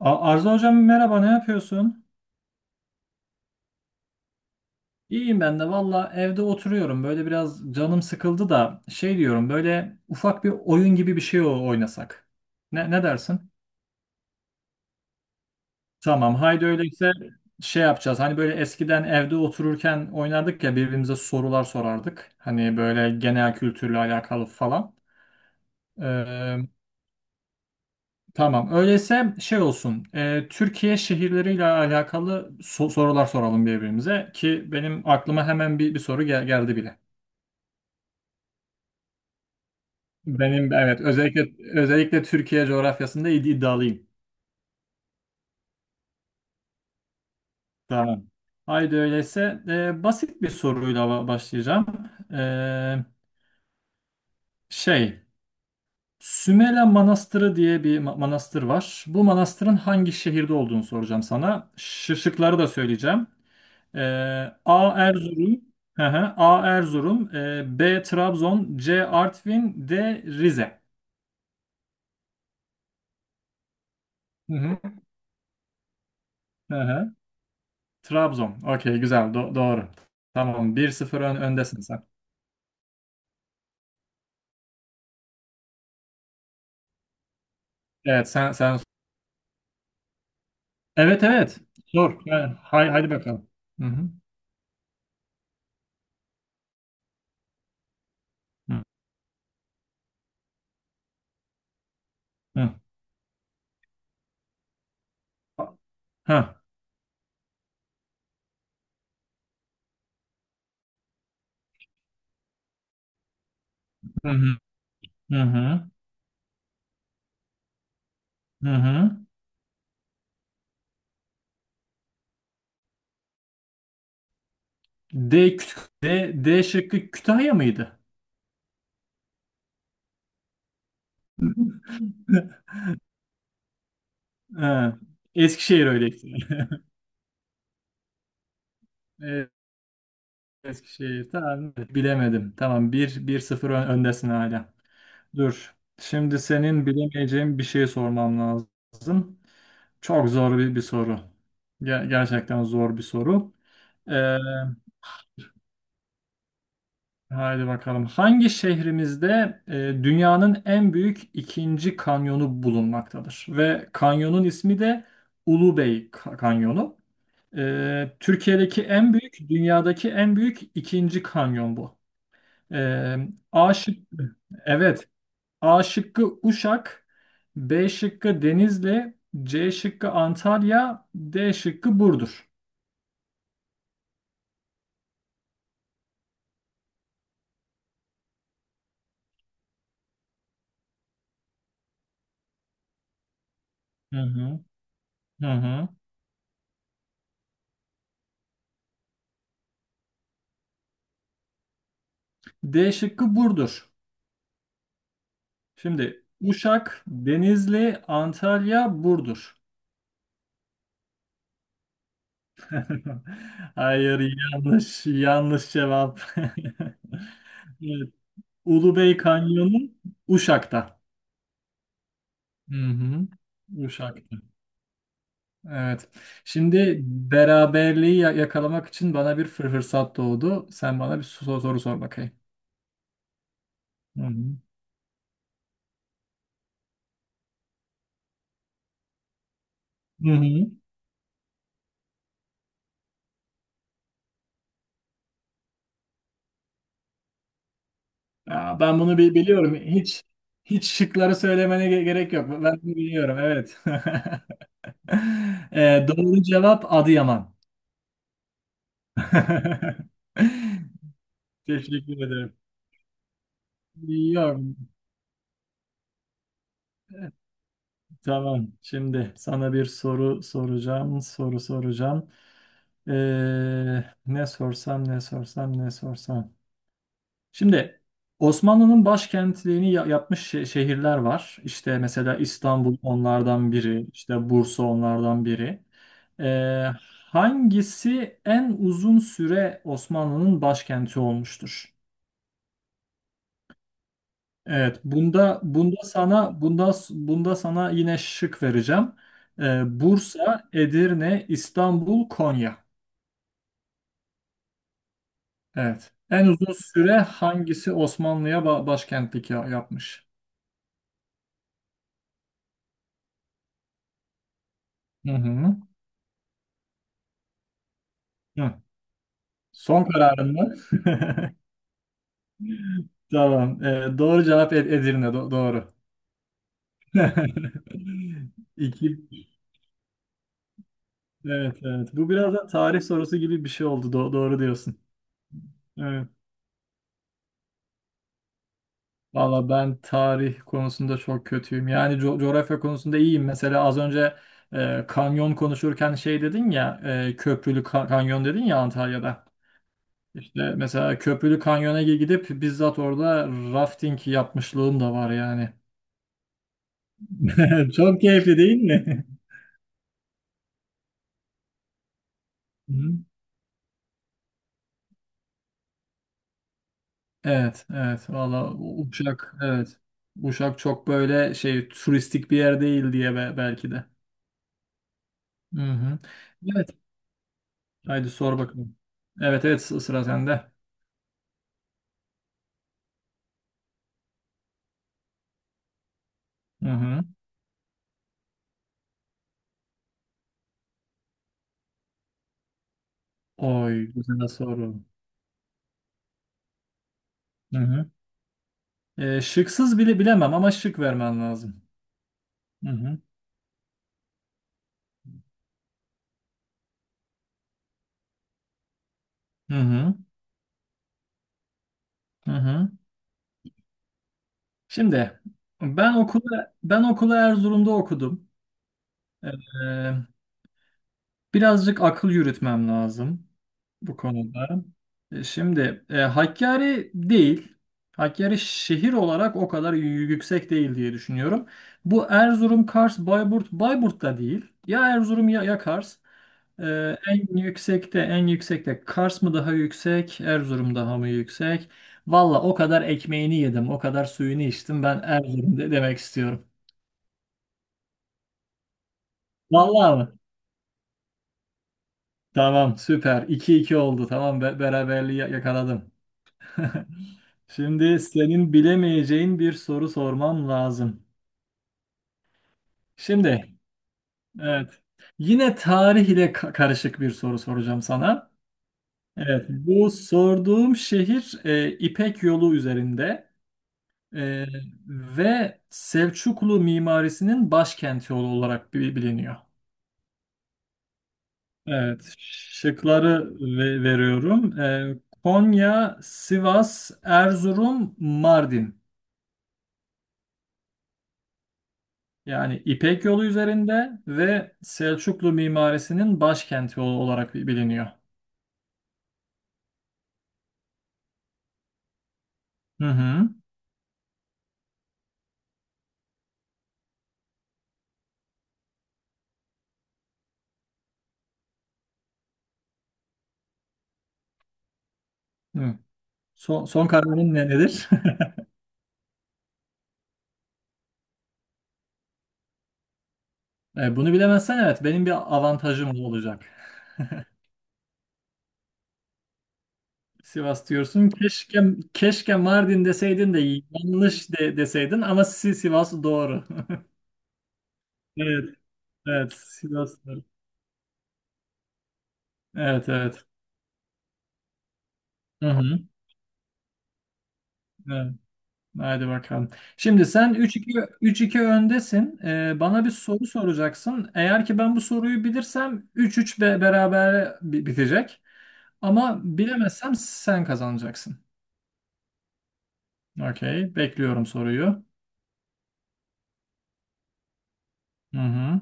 Arzu hocam, merhaba, ne yapıyorsun? İyiyim, ben de valla evde oturuyorum, böyle biraz canım sıkıldı da şey diyorum, böyle ufak bir oyun gibi bir şey oynasak. Ne dersin? Tamam, haydi öyleyse şey yapacağız, hani böyle eskiden evde otururken oynardık ya, birbirimize sorular sorardık. Hani böyle genel kültürle alakalı falan. Ee, tamam öyleyse şey olsun. Türkiye şehirleriyle alakalı sorular soralım birbirimize ki benim aklıma hemen bir soru geldi bile. Benim, evet, özellikle Türkiye coğrafyasında iddialıyım. Tamam. Haydi öyleyse basit bir soruyla başlayacağım. E, şey, Sümele Manastırı diye bir manastır var. Bu manastırın hangi şehirde olduğunu soracağım sana. Şıkları da söyleyeceğim. E, A Erzurum, hı hı, A Erzurum, B Trabzon, C Artvin, D Rize. Hı hı. Hı hı. Trabzon. Okey, güzel. Doğru. Tamam. 1-0 öndesin sen. Evet, sen. Evet, evet. Sor. Ha, haydi bakalım. Hı hı. Hı hı. Ha. Hı hı. Hı hı. Hı hı. D, D şıkkı Kütahya mıydı? Ha. Eskişehir öyleyse. Evet, Eskişehir. Tamam. Bilemedim. Tamam. Bir sıfır öndesin hala. Dur. Şimdi senin bilemeyeceğin bir şey sormam lazım. Çok zor bir soru. Gerçekten zor bir soru. Ee, haydi bakalım. Hangi şehrimizde e, dünyanın en büyük ikinci kanyonu bulunmaktadır? Ve kanyonun ismi de Ulubey Kanyonu. Türkiye'deki en büyük, dünyadaki en büyük ikinci kanyon bu. Ee, A şıkkı, evet. A şıkkı Uşak, B şıkkı Denizli, C şıkkı Antalya, D şıkkı Burdur. Hı hı, hı hı. D şıkkı Burdur. Şimdi Uşak, Denizli, Antalya, Burdur. Hayır, yanlış, yanlış cevap. Evet, Ulubey Kanyonu Uşak'ta. Hı hı. Uşak'ta. Evet. Şimdi beraberliği yakalamak için bana bir fırsat doğdu. Sen bana bir soru sor bakayım. Hı hı. Hı hı. Ya ben bunu biliyorum. Hiç hiç şıkları söylemene gerek yok. Ben bunu biliyorum. Evet. Doğru cevap Adıyaman. Teşekkür ederim. Yok. Tamam. Şimdi sana bir soru soracağım. Soru soracağım. Ee, ne sorsam, ne sorsam, ne sorsam. Şimdi Osmanlı'nın başkentliğini yapmış şehirler var. İşte mesela İstanbul onlardan biri, işte Bursa onlardan biri. Ee, hangisi en uzun süre Osmanlı'nın başkenti olmuştur? Evet, bunda sana yine şık vereceğim. Bursa, Edirne, İstanbul, Konya. Evet. En uzun süre hangisi Osmanlı'ya başkentlik yapmış? Hı hı. Hı. Son kararın mı? Tamam. Doğru cevap Edirne. Doğru. İki. Evet, evet. Bu biraz da tarih sorusu gibi bir şey oldu. Doğru diyorsun. Evet. Valla ben tarih konusunda çok kötüyüm. Yani coğrafya konusunda iyiyim. Mesela az önce kanyon konuşurken şey dedin ya, köprülü kanyon dedin ya, Antalya'da. İşte mesela Köprülü Kanyon'a gidip bizzat orada rafting yapmışlığım da var yani. Çok keyifli değil mi? Hı. Evet, evet. Valla Uşak, evet. Uşak çok böyle şey turistik bir yer değil diye belki de. Hı hı. Evet. Haydi sor bakalım. Evet, evet, sıra sende. Hı hı. Oy, güzel soru. Hı hı. Şıksız bile bilemem ama şık vermen lazım. Hı hı. Hı hı. Hı hı. Şimdi ben okula Erzurum'da okudum. Ee, Birazcık akıl yürütmem lazım bu konuda. Şimdi Hakkari değil. Hakkari şehir olarak o kadar yüksek değil diye düşünüyorum. Bu Erzurum, Kars, Bayburt, Bayburt da değil. Ya Erzurum, ya Kars. E, en yüksekte Kars mı daha yüksek, Erzurum daha mı yüksek? Valla o kadar ekmeğini yedim, o kadar suyunu içtim. Ben Erzurum de demek istiyorum. Vallahi mi? Tamam, süper. 2 iki oldu. Tamam, beraberliği yakaladım. Şimdi senin bilemeyeceğin bir soru sormam lazım. Şimdi, evet. Yine tarih ile karışık bir soru soracağım sana. Evet, bu sorduğum şehir İpek Yolu üzerinde e, ve Selçuklu mimarisinin başkenti olarak biliniyor. Evet, şıkları veriyorum. Konya, Sivas, Erzurum, Mardin. Yani İpek Yolu üzerinde ve Selçuklu mimarisinin başkenti olarak biliniyor. Hı hı. Hı. Son kararın nedir? Bunu bilemezsen evet benim bir avantajım olacak. Sivas diyorsun. Keşke Mardin deseydin de yanlış deseydin ama Sivas doğru. Evet, evet, Sivas. Evet, evet. Hı hı. Evet. Haydi bakalım. Şimdi sen 3-2 öndesin. Bana bir soru soracaksın. Eğer ki ben bu soruyu bilirsem 3-3 beraber bitecek. Ama bilemezsem sen kazanacaksın. Okey. Bekliyorum soruyu. Hı hı.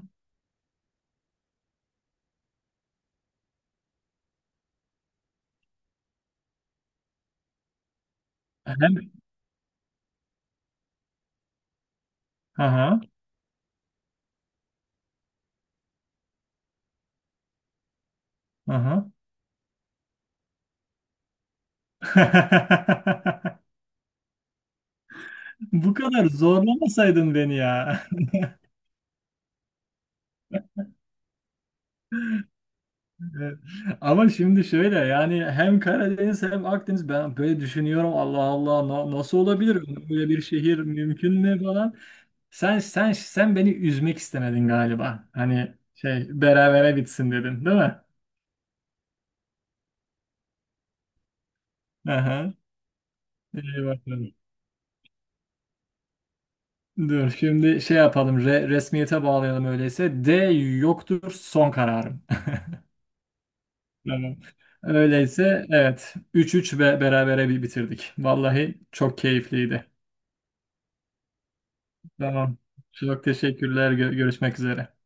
Hem, aha, aha. Bu kadar zorlamasaydın beni ya. Evet. Ama şimdi şöyle yani hem Karadeniz hem Akdeniz ben böyle düşünüyorum, Allah Allah, nasıl olabilir böyle bir şehir, mümkün mü falan. Sen beni üzmek istemedin galiba. Hani şey berabere bitsin dedin değil mi? Aha. İyi bakalım. Dur şimdi şey yapalım, resmiyete bağlayalım öyleyse. D yoktur, son kararım. Tamam. Öyleyse evet 3-3 ve berabere bir bitirdik. Vallahi çok keyifliydi. Tamam. Çok teşekkürler. Görüşmek üzere.